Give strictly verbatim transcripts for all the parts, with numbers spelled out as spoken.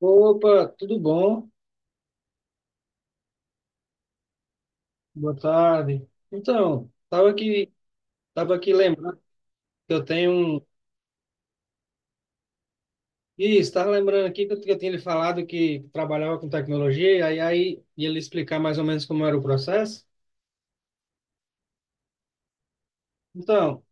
Opa, tudo bom? Boa tarde. Então, tava aqui, tava aqui lembrando que eu tenho um. Ih, estava lembrando aqui que eu, que eu tinha lhe falado que trabalhava com tecnologia, e aí, aí ia lhe explicar mais ou menos como era o processo. Então,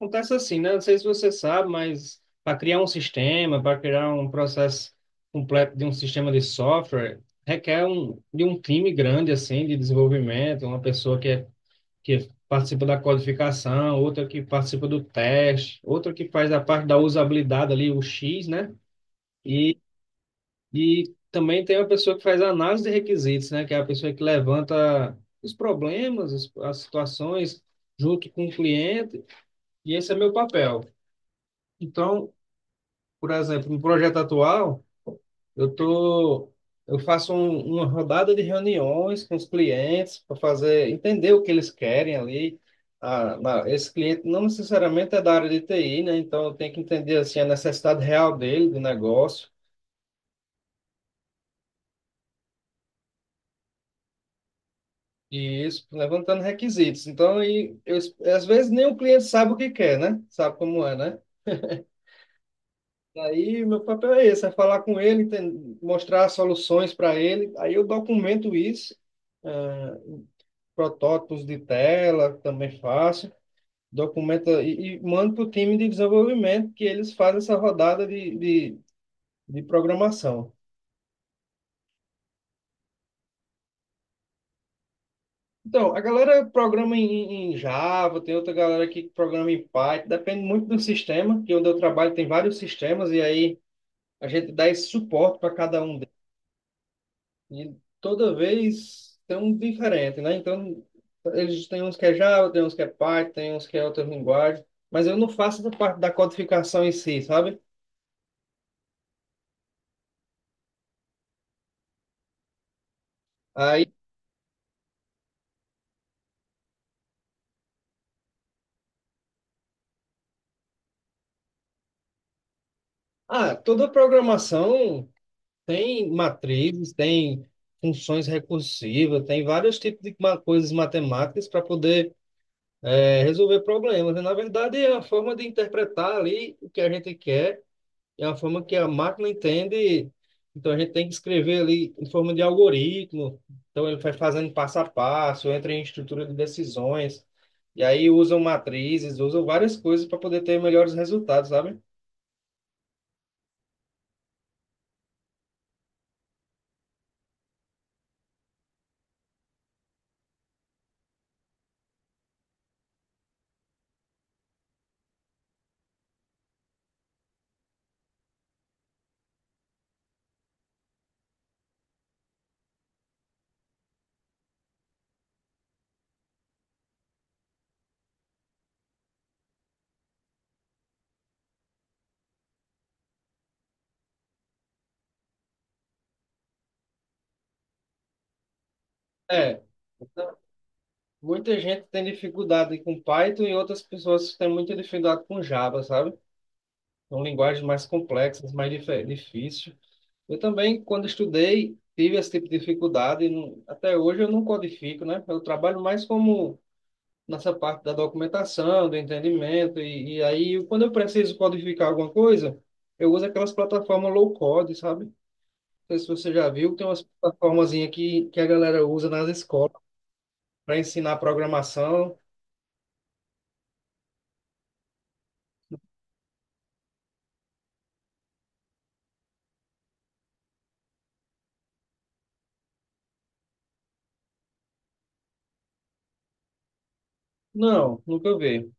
acontece assim, né? Não sei se você sabe, mas para criar um sistema, para criar um processo completo de um sistema de software, requer um, de um time grande, assim, de desenvolvimento, uma pessoa que é que participa da codificação, outra que participa do teste, outra que faz a parte da usabilidade ali, o X, né? E, e também tem uma pessoa que faz a análise de requisitos, né? Que é a pessoa que levanta os problemas, as, as situações, junto com o cliente, e esse é meu papel. Então, por exemplo, no projeto atual, Eu tô, eu faço um- uma rodada de reuniões com os clientes para fazer entender o que eles querem ali. Ah, na- esse cliente não necessariamente é da área de T I, né? Então eu tenho que entender assim a necessidade real dele do negócio e isso levantando requisitos. Então aí eu, às vezes nem o cliente sabe o que quer, né? Sabe como é, né? Aí meu papel é esse, é falar com ele, enten- mostrar soluções para ele. Aí eu documento isso, ah, protótipos de tela também faço. Documenta e, e manda para o time de desenvolvimento que eles fazem essa rodada de, de, de programação. Então, a galera programa em, em Java, tem outra galera que programa em Python, depende muito do sistema, que onde eu trabalho tem vários sistemas, e aí a gente dá esse suporte para cada um deles. E toda vez tem um diferente, né? Então, eles têm uns que é Java, tem uns que é Python, tem uns que é outra linguagem, mas eu não faço essa parte da codificação em si, sabe? Aí, ah, toda programação tem matrizes, tem funções recursivas, tem vários tipos de ma- coisas matemáticas para poder eh, resolver problemas. E, na verdade, é uma forma de interpretar ali o que a gente quer, é uma forma que a máquina entende. Então, a gente tem que escrever ali em forma de algoritmo. Então, ele vai fazendo passo a passo, entra em estrutura de decisões. E aí, usam matrizes, usam várias coisas para poder ter melhores resultados, sabe? É. Muita gente tem dificuldade com Python e outras pessoas têm muita dificuldade com Java, sabe? São linguagens mais complexas, mais dif difíceis. Eu também, quando estudei, tive esse tipo de dificuldade. e não- Até hoje eu não codifico, né? Eu trabalho mais como nessa parte da documentação, do entendimento. E, e aí, quando eu preciso codificar alguma coisa, eu uso aquelas plataformas low code, sabe? Não sei se você já viu, tem umas plataformazinhas que, que a galera usa nas escolas para ensinar programação. Não, nunca vi.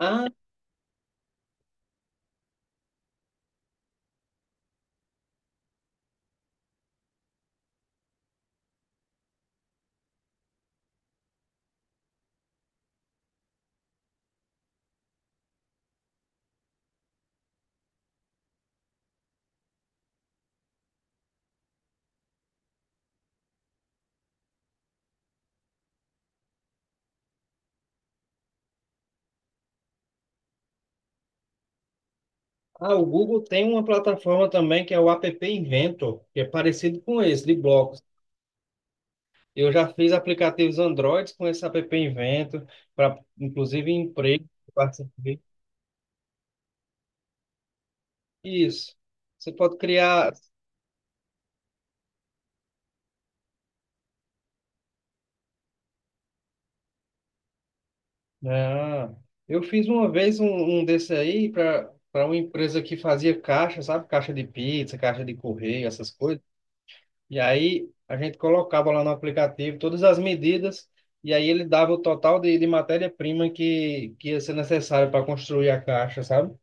Ah, ah, o Google tem uma plataforma também que é o App Inventor, que é parecido com esse, de blocos. Eu já fiz aplicativos Androids com esse App Inventor, para inclusive emprego, eu participei. Isso. Você pode criar. Ah, eu fiz uma vez um, um desse aí para para uma empresa que fazia caixa, sabe? Caixa de pizza, caixa de correio, essas coisas. E aí a gente colocava lá no aplicativo todas as medidas e aí ele dava o total de, de matéria-prima que, que ia ser necessário para construir a caixa, sabe?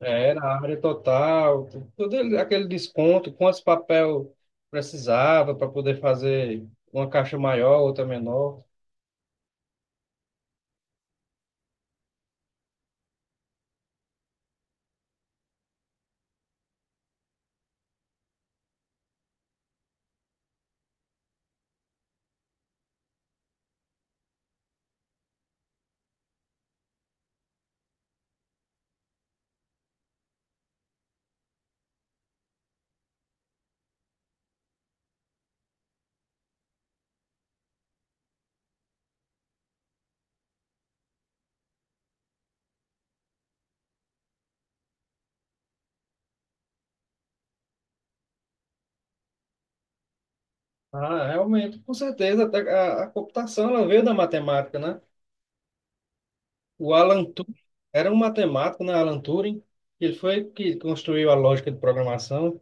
É, era a área total, tu- tudo ele- aquele desconto, quantos papel precisava para poder fazer uma caixa maior, outra menor. Ah, realmente, com certeza, até a, a computação ela veio da matemática, né? O Alan Turing era um matemático, né? Alan Turing, ele foi que construiu a lógica de programação.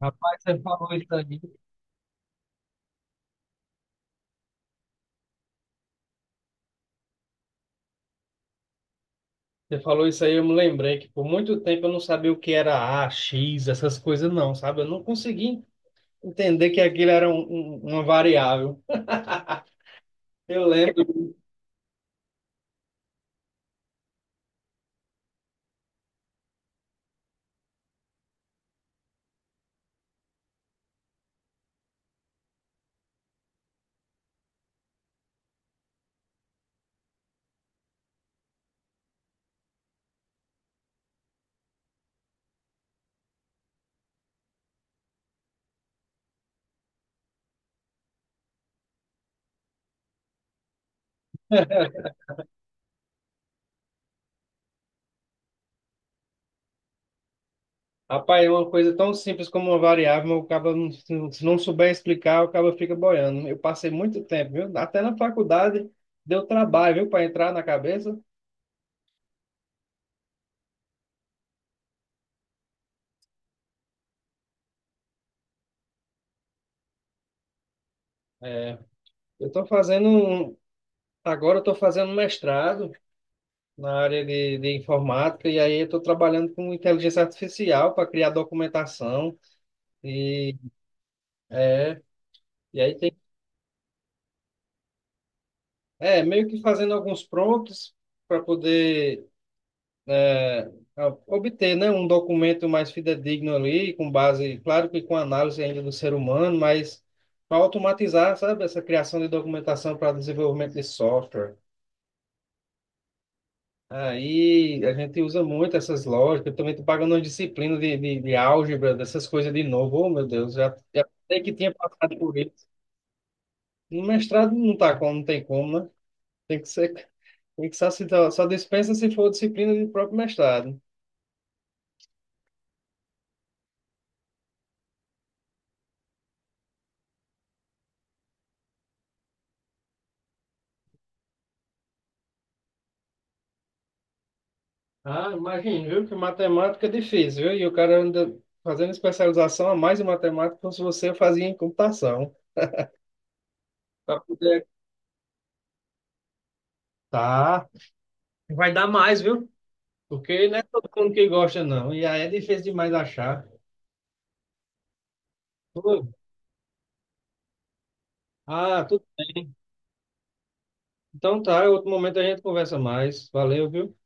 Rapaz, você falou isso aí. Você falou isso aí, eu me lembrei que por muito tempo eu não sabia o que era A, X, essas coisas não, sabe? Eu não consegui entender que aquilo era um- um- uma variável. Eu lembro, rapaz, é uma coisa tão simples como uma variável, mas o cara não, se se não souber explicar, o cara fica boiando. Eu passei muito tempo, viu? Até na faculdade deu trabalho, viu, para entrar na cabeça. É, eu estou fazendo um, agora eu tô fazendo mestrado na área de, de informática, e aí eu estou trabalhando com inteligência artificial para criar documentação, e, e aí tem, é, meio que fazendo alguns prompts para poder ah, obter, né, um documento mais fidedigno ali, com base, claro que com análise ainda do ser humano, mas para automatizar, sabe, essa criação de documentação para desenvolvimento de software. Aí a gente usa muito essas lógicas. Eu também estou pagando uma disciplina de, de, de álgebra, dessas coisas de novo. Oh, meu Deus, já, já sei que tinha passado por isso. No mestrado não tá como, não tem como, né? Tem que ser, tem que só, se- dá- só dispensa se for disciplina do próprio mestrado. Ah, imagina, viu? Que matemática é difícil, viu? E o cara ainda fazendo especialização a mais em matemática, como se você fazia em computação. Pra poder... Tá. Vai dar mais, viu? Porque não é todo mundo que gosta, não. E aí é difícil demais achar. Ah, tudo bem. Então tá, outro momento a gente conversa mais. Valeu, viu?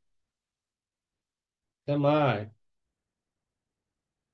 Até mais.